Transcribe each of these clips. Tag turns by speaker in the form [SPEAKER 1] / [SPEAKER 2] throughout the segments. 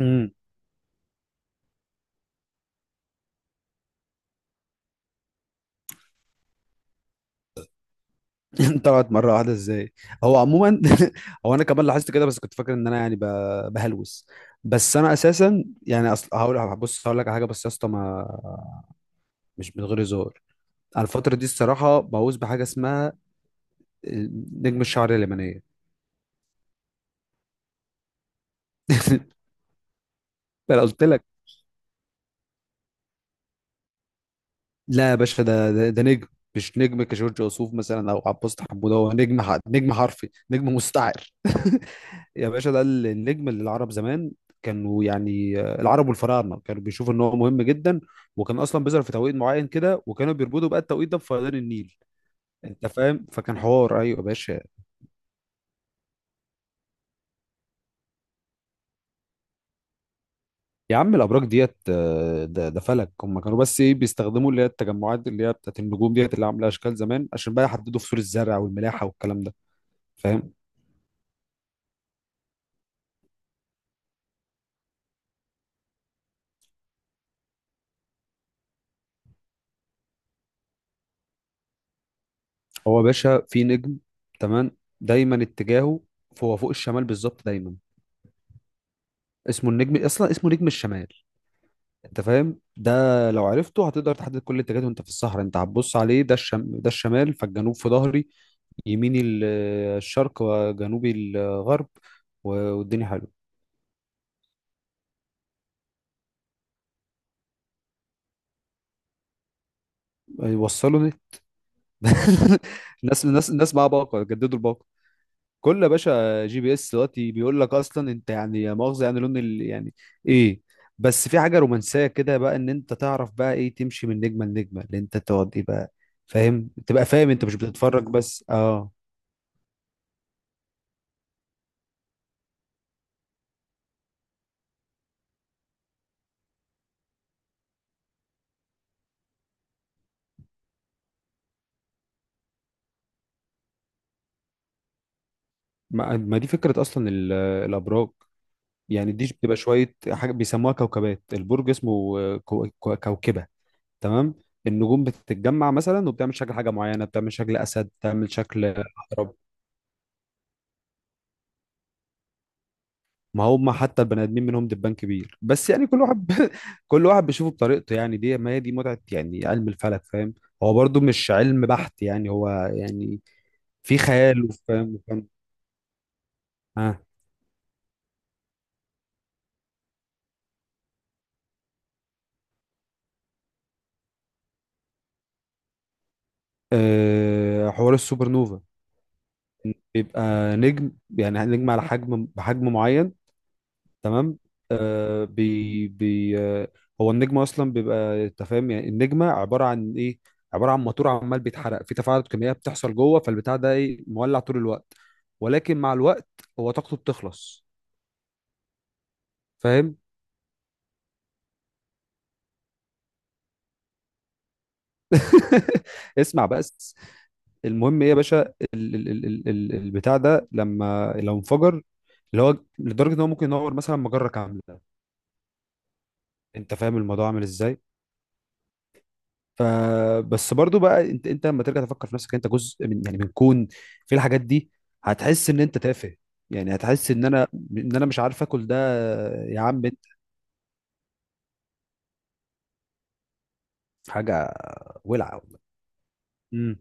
[SPEAKER 1] امم طلعت مره واحده ازاي؟ هو عموما هو انا كمان لاحظت كده بس كنت فاكر ان انا بهلوس. بس انا اساسا يعني اصل هقول بص هقول لك على حاجه، بس يا اسطى ما مش من غير هزار. على الفتره دي الصراحه مهووس بحاجه اسمها نجم الشعر اليمنيه. انا قلت لك، لا يا باشا ده ده نجم. مش نجم كجورج وسوف مثلا او عباس حموده، هو نجم نجم حرفي، نجم مستعر. يا باشا ده النجم اللي العرب زمان كانوا يعني آه، العرب والفراعنه كانوا بيشوفوا ان هو مهم جدا، وكان اصلا بيظهر في توقيت معين كده، وكانوا بيربطوا بقى التوقيت ده بفيضان النيل. انت فاهم؟ فكان حوار. ايوه يا باشا. يا عم الابراج ديت آه، ده ده فلك. هم كانوا بس ايه بيستخدموا اللي هي التجمعات اللي هي بتاعت النجوم ديت اللي عامله اشكال زمان، عشان بقى يحددوا فصول الزرع والملاحه والكلام ده. فاهم؟ هو يا باشا في نجم تمام دايما اتجاهه، هو فوق الشمال بالظبط دايما. اسمه النجم، اصلا اسمه نجم الشمال. انت فاهم ده؟ لو عرفته هتقدر تحدد كل الاتجاهات وانت في الصحراء. انت هتبص عليه ده ده الشمال، فالجنوب في ظهري، يميني الشرق، وجنوبي الغرب، والدنيا حلوه. وصلوا لي. الناس معاها باقه، جددوا الباقه. كل يا باشا جي بي اس دلوقتي بيقول لك اصلا انت يعني يا مؤاخذه يعني لون يعني ايه. بس في حاجه رومانسيه كده بقى، ان انت تعرف بقى ايه تمشي من نجمه لنجمه اللي انت تقعد ايه بقى. فاهم؟ تبقى فاهم انت، مش بتتفرج بس اه. ما دي فكرة أصلا الأبراج. يعني دي بتبقى شوية حاجة بيسموها كوكبات، البرج اسمه كوكبة. تمام. النجوم بتتجمع مثلا وبتعمل شكل حاجة معينة، بتعمل شكل أسد، بتعمل شكل عقرب. ما هم حتى البني آدمين منهم دبان كبير، بس يعني كل واحد كل واحد بيشوفه بطريقته. يعني دي ما هي دي متعة يعني علم الفلك، فاهم؟ هو برضو مش علم بحت، يعني هو يعني في خيال. وفاهم. ها. أه حوار السوبر نوفا. بيبقى نجم، يعني نجم على بحجم معين. تمام. آه بي بي آه، هو النجم اصلا بيبقى انت فاهم يعني النجمه عباره عن ايه؟ عباره عن موتور عمال بيتحرق في تفاعلات كيميائيه بتحصل جوه فالبتاع ده، ايه مولع طول الوقت. ولكن مع الوقت هو طاقته بتخلص. فاهم؟ اسمع بس. المهم ايه يا باشا البتاع ده لما لو انفجر، اللي هو لدرجه ان هو ممكن ينور مثلا مجره كامله. انت فاهم الموضوع عامل ازاي؟ فبس برضو بقى انت لما ترجع تفكر في نفسك انت جزء من يعني من كون، في الحاجات دي، هتحس ان انت تافه. يعني هتحس ان انا، ان انا مش عارف اكل ده، يا عم بنت حاجه. ولعه والله. امم،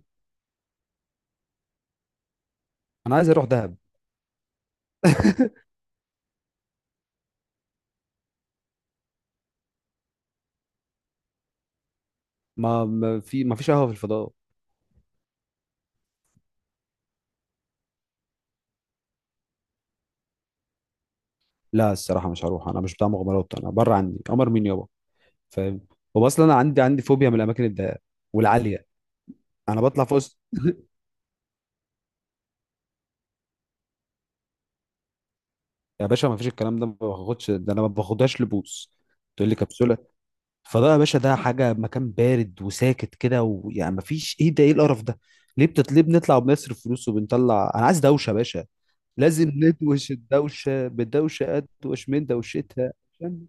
[SPEAKER 1] انا عايز اروح دهب. ما ما في ما فيش قهوه في الفضاء. لا الصراحه مش هروح، انا مش بتاع مغامرات، انا بره عني قمر مين يابا. فاهم؟ هو اصلا انا عندي فوبيا من الاماكن الضيقه والعاليه. انا بطلع فوق يا باشا ما فيش الكلام ده، ما باخدش ده، انا ما باخدهاش لبوس. تقول لي كبسوله؟ فده يا باشا ده حاجة مكان بارد وساكت كده، ويعني مفيش ايه ده، ايه القرف ده. ليه بنطلع وبنصرف فلوس وبنطلع، انا عايز دوشة يا باشا. لازم ندوش الدوشة بدوشة، ادوش من دوشتها عشان.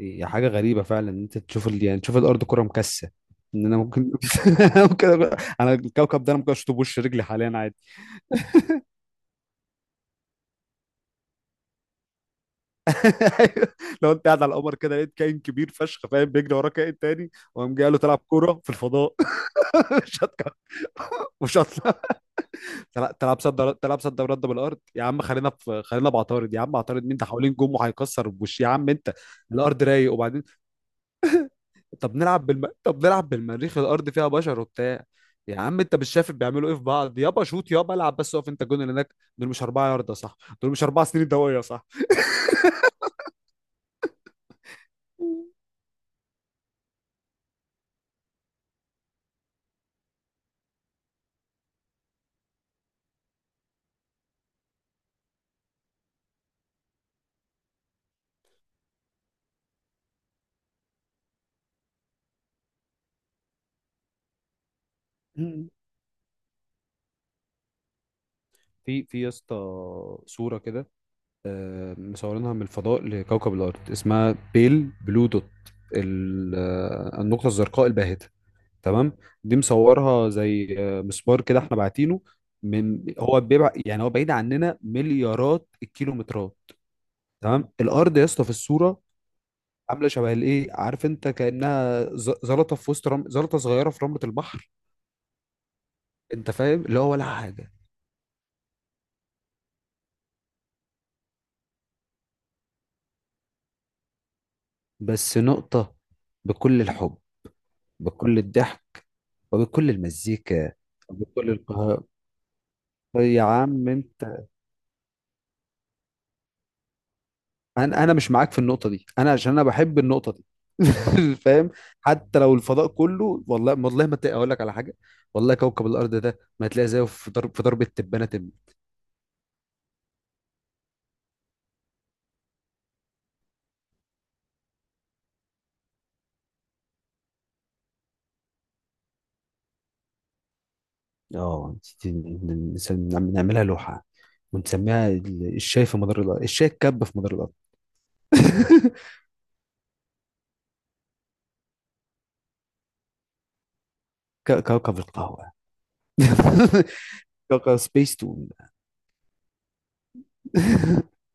[SPEAKER 1] هي حاجة غريبة فعلا ان انت تشوف يعني تشوف الارض كرة مكسة. ان انا ممكن ممكن انا الكوكب ده انا ممكن اشطب وش رجلي حاليا عادي. أيوة. لو انت قاعد على القمر كده لقيت كائن كبير فشخ، فاهم، بيجري وراه كائن تاني وقام جاي قال له تلعب كوره في الفضاء. مش هتك- مش هطلع. تلعب تلعب صد ورد بالارض؟ يا عم خلينا في، خلينا بعطارد. يا عم عطارد مين ده، حوالين جم وهيكسر بوش يا عم انت. الارض رايق وبعدين. طب نلعب بالمريخ، الارض فيها بشر وبتاع. يا عم انت مش شايف بيعملوا ايه في بعض؟ يابا شوت يابا، العب بس اقف انت الجون. اللي هناك دول مش اربعه يارده صح؟ دول مش اربع سنين ضوئيه صح؟ مم. في في يا اسطى صوره كده آه، مصورينها من الفضاء لكوكب الارض اسمها بيل بلو دوت. آه، النقطه الزرقاء الباهته. تمام. دي مصورها زي آه، مسمار كده احنا باعتينه، من هو بيبع يعني هو بعيد عننا مليارات الكيلومترات. تمام. الارض يا اسطى في الصوره عامله شبه الايه عارف انت، كانها زلطه في زلطه صغيره في رمله البحر. انت فاهم اللي هو ولا حاجه. بس نقطه، بكل الحب، بكل الضحك، وبكل المزيكا، وبكل القهار، يا عم انت. انا مش معاك في النقطه دي، انا عشان انا بحب النقطه دي. فاهم؟ حتى لو الفضاء كله، والله والله ما تلاقي، اقول لك على حاجه، والله كوكب الارض ده ما هتلاقي زيه في ضرب، في ضربه تبانه تم. اه نعملها لوحة ونسميها الشاي في مدار الأرض، الشاي الكب في مدار الأرض. كوكب القهوة. كوكب سبيس تون.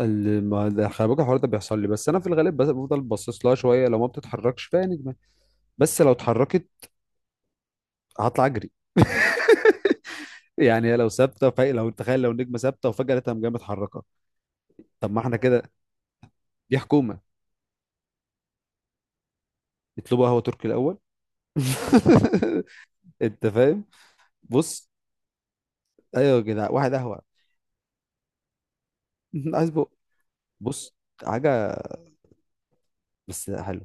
[SPEAKER 1] ما ده خلي بالك الحوار ده بيحصل لي، بس انا في الغالب بفضل باصص لها شويه لو ما بتتحركش فيها نجمه. بس لو اتحركت هطلع اجري. يعني هي لو ثابته، فهي لو تخيل لو النجمه ثابته وفجاه لقيتها قام جايه متحركه. طب ما احنا كده، دي حكومه، يطلبوا قهوه تركي الاول. انت فاهم؟ بص، ايوه يا جدع واحد قهوه. عايز بق. بص حاجه، بس حلو.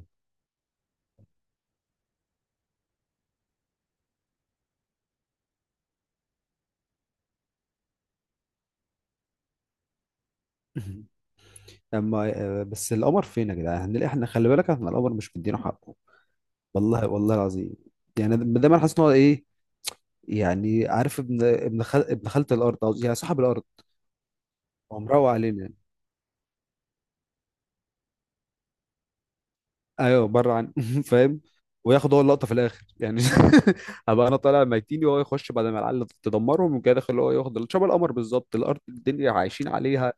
[SPEAKER 1] اما آه، بس القمر فين يا جدع؟ هنلاقي احنا، خلي بالك احنا القمر مش مدينه حقه، والله والله العظيم. يعني ده ده ما انا حاسس ان هو ايه، يعني عارف ابن ابن خال ابن خالة الارض قصدي، يعني صاحب الارض. هو مروق علينا. ايوه بره عن فاهم؟ وياخد هو اللقطه في الاخر يعني. هبقى انا طالع ميتيني وهو يخش بعد ما العيال تدمرهم ويجي داخل هو ياخد شبه القمر بالظبط. الارض الدنيا عايشين عليها.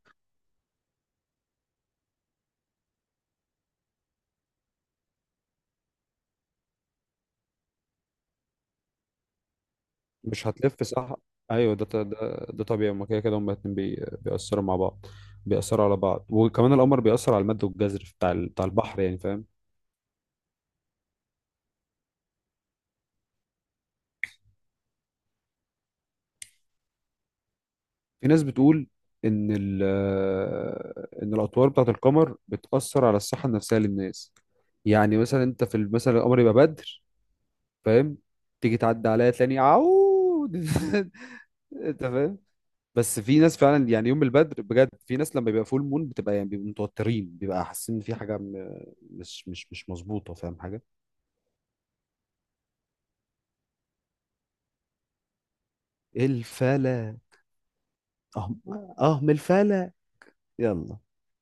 [SPEAKER 1] مش هتلف صح؟ ايوه ده ط- ده ده طبيعي، هما كده كده هما الاتنين بيأثروا مع بعض، بيأثروا على بعض. وكمان القمر بيأثر على المد والجزر بتاع بتاع البحر يعني، فاهم؟ في ناس بتقول ان ان الاطوار بتاعت القمر بتأثر على الصحه النفسيه للناس. يعني مثلا انت في مثلا القمر يبقى بدر، فاهم؟ تيجي تعدي عليا تلاقيني عود. انت فاهم؟ بس في ناس فعلا، يعني يوم البدر بجد في ناس لما بيبقى فول مون بتبقى يعني بيبقوا متوترين، بيبقى حاسين ان في حاجه م... مش مش مش مظبوطه، فاهم حاجه. الفلا، اهم اهم، الفلا. يلا.